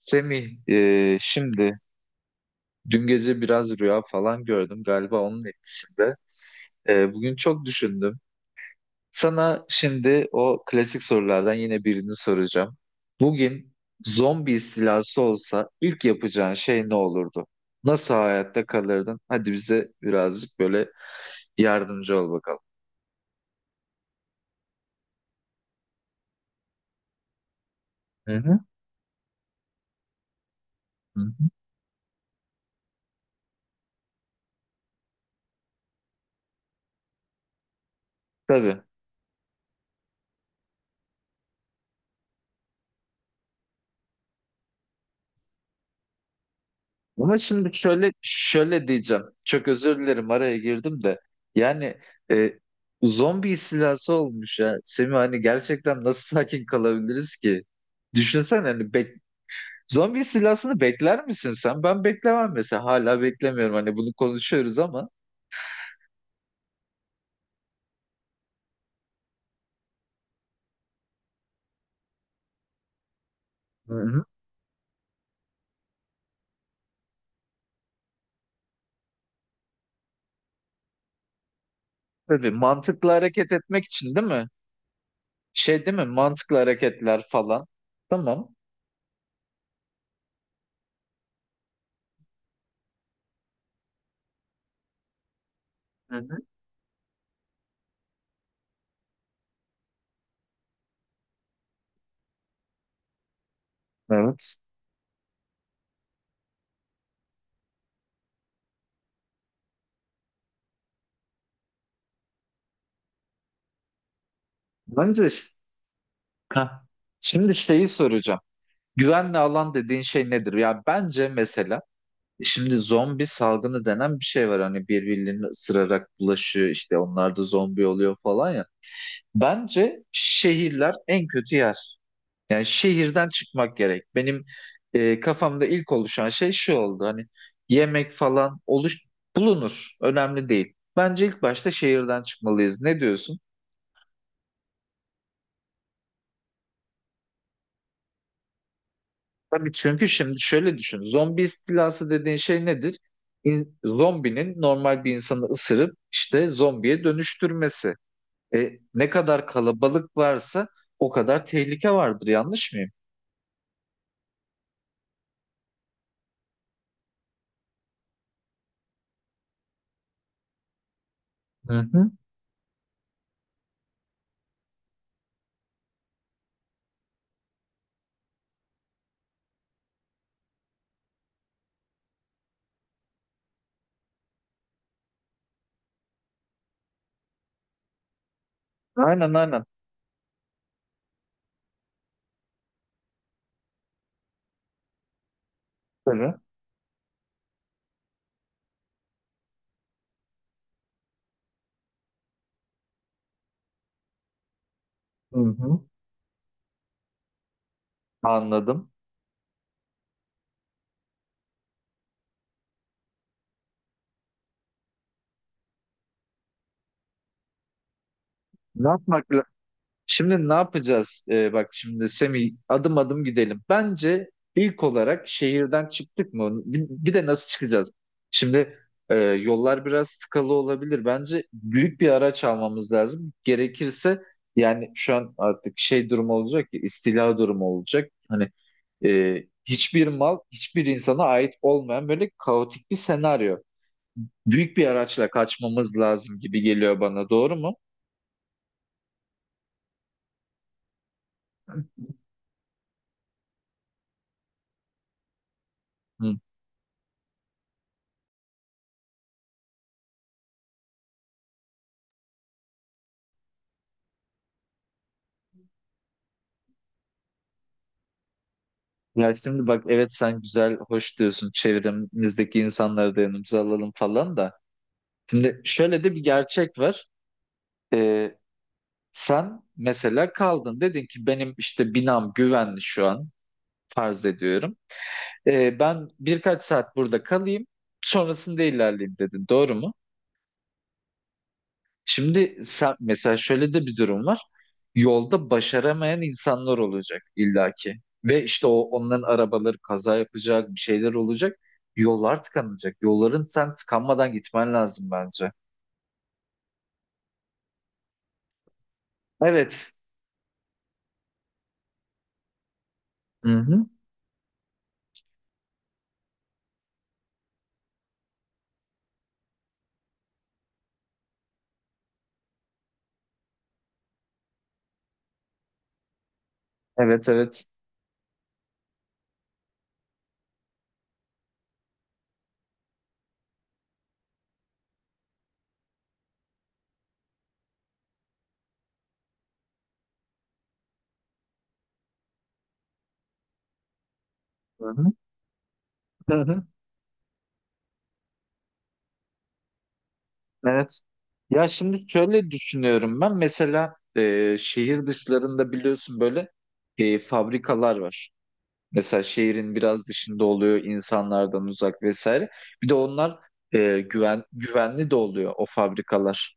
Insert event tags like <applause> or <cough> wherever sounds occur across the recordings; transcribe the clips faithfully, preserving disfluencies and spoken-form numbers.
Semih, e, şimdi dün gece biraz rüya falan gördüm galiba onun etkisinde. E, bugün çok düşündüm. Sana şimdi o klasik sorulardan yine birini soracağım. Bugün zombi istilası olsa ilk yapacağın şey ne olurdu? Nasıl hayatta kalırdın? Hadi bize birazcık böyle yardımcı ol bakalım. Hı hı. Hı hı. Tabii. Ama şimdi şöyle şöyle diyeceğim. Çok özür dilerim araya girdim de. Yani e, zombi istilası olmuş ya. Semih, hani gerçekten nasıl sakin kalabiliriz ki? Düşünsene, hani bek zombi istilasını bekler misin sen? Ben beklemem mesela. Hala beklemiyorum. Hani bunu konuşuyoruz ama. Hı hı. Tabii, mantıklı hareket etmek için değil mi? Şey değil mi? Mantıklı hareketler falan. Tamam. Hı hı. Evet. Bence, heh, şimdi şeyi soracağım. Güvenli alan dediğin şey nedir? Ya bence mesela şimdi zombi salgını denen bir şey var. Hani birbirlerini ısırarak bulaşıyor, işte onlar da zombi oluyor falan ya. Bence şehirler en kötü yer. Yani şehirden çıkmak gerek. Benim e, kafamda ilk oluşan şey şu oldu. Hani yemek falan oluş bulunur. Önemli değil. Bence ilk başta şehirden çıkmalıyız. Ne diyorsun? Tabii, çünkü şimdi şöyle düşün. Zombi istilası dediğin şey nedir? İn- zombinin normal bir insanı ısırıp işte zombiye dönüştürmesi. E, ne kadar kalabalık varsa o kadar tehlike vardır. Yanlış mıyım? Hı hı. Aynen, aynen. Tabii. Hı hı. Anladım. Ne yapmak lazım? Şimdi ne yapacağız? Ee, bak şimdi Semih, adım adım gidelim. Bence ilk olarak şehirden çıktık mı? Bir, bir de nasıl çıkacağız? Şimdi e, yollar biraz sıkalı olabilir. Bence büyük bir araç almamız lazım. Gerekirse, yani şu an artık şey durumu olacak ki, istila durumu olacak. Hani e, hiçbir mal, hiçbir insana ait olmayan böyle kaotik bir senaryo. Büyük bir araçla kaçmamız lazım gibi geliyor bana. Doğru mu? Hı. Ya şimdi bak, evet, sen güzel, hoş diyorsun, çevremizdeki insanları da yanımıza alalım falan da. Şimdi şöyle de bir gerçek var. Ee, sen mesela kaldın, dedin ki benim işte binam güvenli şu an, farz ediyorum. Ee, ben birkaç saat burada kalayım, sonrasında ilerleyeyim dedin, doğru mu? Şimdi sen, mesela şöyle de bir durum var. Yolda başaramayan insanlar olacak illaki. Ve işte o onların arabaları kaza yapacak, bir şeyler olacak. Yollar tıkanacak. Yolların sen tıkanmadan gitmen lazım bence. Evet. Hı-hı. Evet, evet. Hı-hı. Hı-hı. Evet. Ya şimdi şöyle düşünüyorum ben. Mesela e, şehir dışlarında biliyorsun böyle e, fabrikalar var. Mesela şehrin biraz dışında oluyor, insanlardan uzak vesaire. Bir de onlar e, güven güvenli de oluyor o fabrikalar.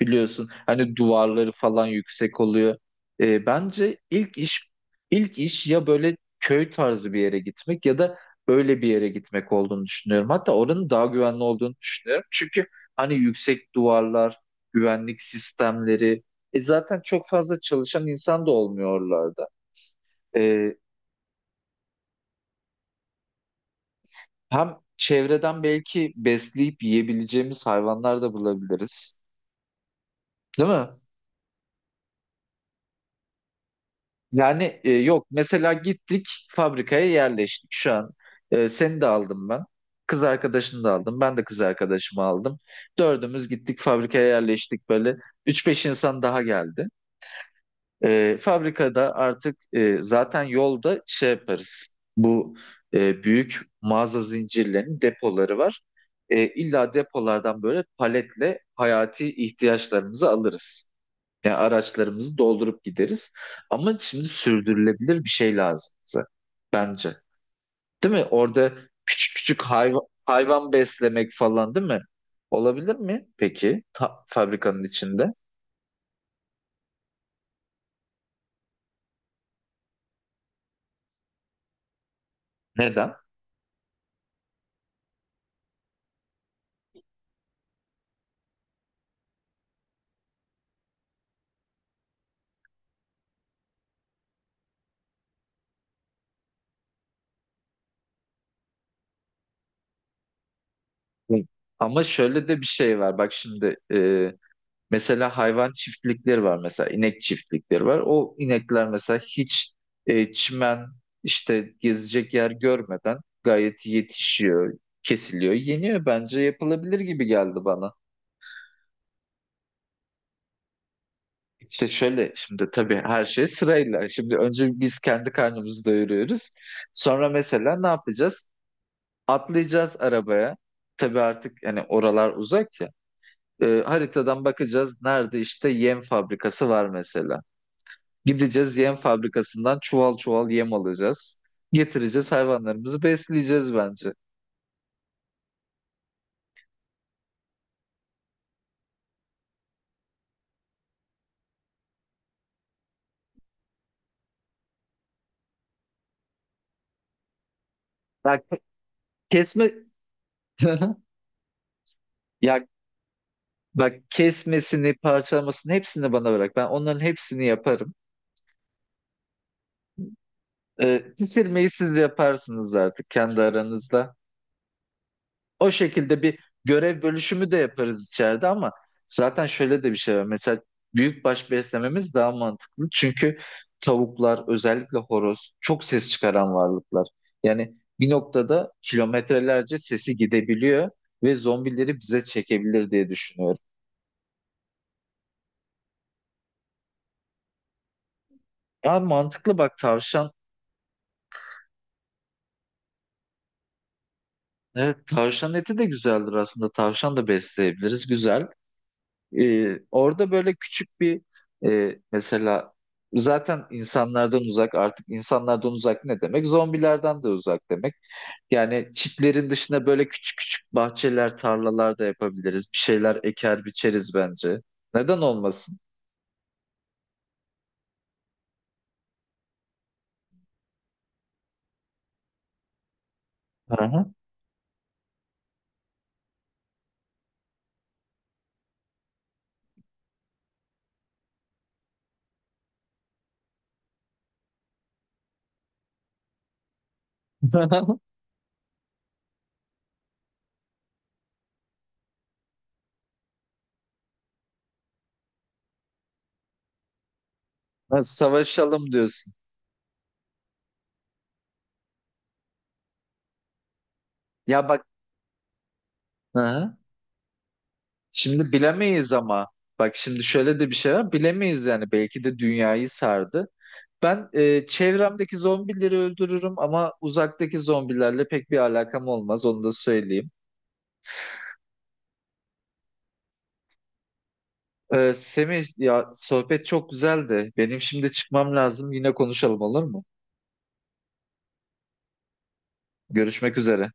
Biliyorsun hani duvarları falan yüksek oluyor. E, bence ilk iş ilk iş ya böyle köy tarzı bir yere gitmek ya da öyle bir yere gitmek olduğunu düşünüyorum. Hatta oranın daha güvenli olduğunu düşünüyorum. Çünkü hani yüksek duvarlar, güvenlik sistemleri, e, zaten çok fazla çalışan insan da olmuyorlardı. Hem çevreden belki besleyip yiyebileceğimiz hayvanlar da bulabiliriz. Değil mi? Yani e, yok, mesela gittik fabrikaya yerleştik şu an. E, seni de aldım ben. Kız arkadaşını da aldım. Ben de kız arkadaşımı aldım. Dördümüz gittik fabrikaya yerleştik böyle. Üç beş insan daha geldi. E, fabrikada artık e, zaten yolda şey yaparız. Bu e, büyük mağaza zincirlerinin depoları var. E, illa depolardan böyle paletle hayati ihtiyaçlarımızı alırız. Yani araçlarımızı doldurup gideriz. Ama şimdi sürdürülebilir bir şey lazım bize. Bence. Değil mi? Orada küçük küçük hayvan, hayvan beslemek falan değil mi? Olabilir mi peki? Ta- fabrikanın içinde. Neden? Hı. Ama şöyle de bir şey var. Bak şimdi e, mesela hayvan çiftlikleri var. Mesela inek çiftlikleri var. O inekler mesela hiç e, çimen, işte gezecek yer görmeden gayet yetişiyor, kesiliyor, yeniyor. Bence yapılabilir gibi geldi bana. İşte şöyle şimdi, tabii, her şey sırayla. Şimdi önce biz kendi karnımızı doyuruyoruz. Sonra mesela ne yapacağız? Atlayacağız arabaya. Tabii artık hani oralar uzak. E, haritadan bakacağız nerede işte yem fabrikası var mesela. Gideceğiz yem fabrikasından çuval çuval yem alacağız. Getireceğiz, hayvanlarımızı besleyeceğiz bence. Bak kesme <laughs> ya bak, kesmesini parçalamasını hepsini bana bırak. Ben onların hepsini yaparım. E, pişirmeyi siz yaparsınız artık kendi aranızda. O şekilde bir görev bölüşümü de yaparız içeride, ama zaten şöyle de bir şey var. Mesela büyükbaş beslememiz daha mantıklı. Çünkü tavuklar, özellikle horoz, çok ses çıkaran varlıklar. Yani bir noktada kilometrelerce sesi gidebiliyor ve zombileri bize çekebilir diye düşünüyorum. Ya mantıklı, bak, tavşan. Evet, tavşan eti de güzeldir aslında. Tavşan da besleyebiliriz. Güzel. Ee, orada böyle küçük bir e, mesela, zaten insanlardan uzak, artık insanlardan uzak ne demek? Zombilerden de uzak demek. Yani çitlerin dışına böyle küçük küçük bahçeler, tarlalar da yapabiliriz. Bir şeyler eker biçeriz bence. Neden olmasın? Aha. <laughs> Ha, savaşalım diyorsun. Ya bak, aha. Şimdi bilemeyiz ama bak şimdi şöyle de bir şey var. Bilemeyiz yani, belki de dünyayı sardı. Ben e, çevremdeki zombileri öldürürüm ama uzaktaki zombilerle pek bir alakam olmaz, onu da söyleyeyim. E, Semih ya, sohbet çok güzeldi. Benim şimdi çıkmam lazım. Yine konuşalım, olur mu? Görüşmek üzere.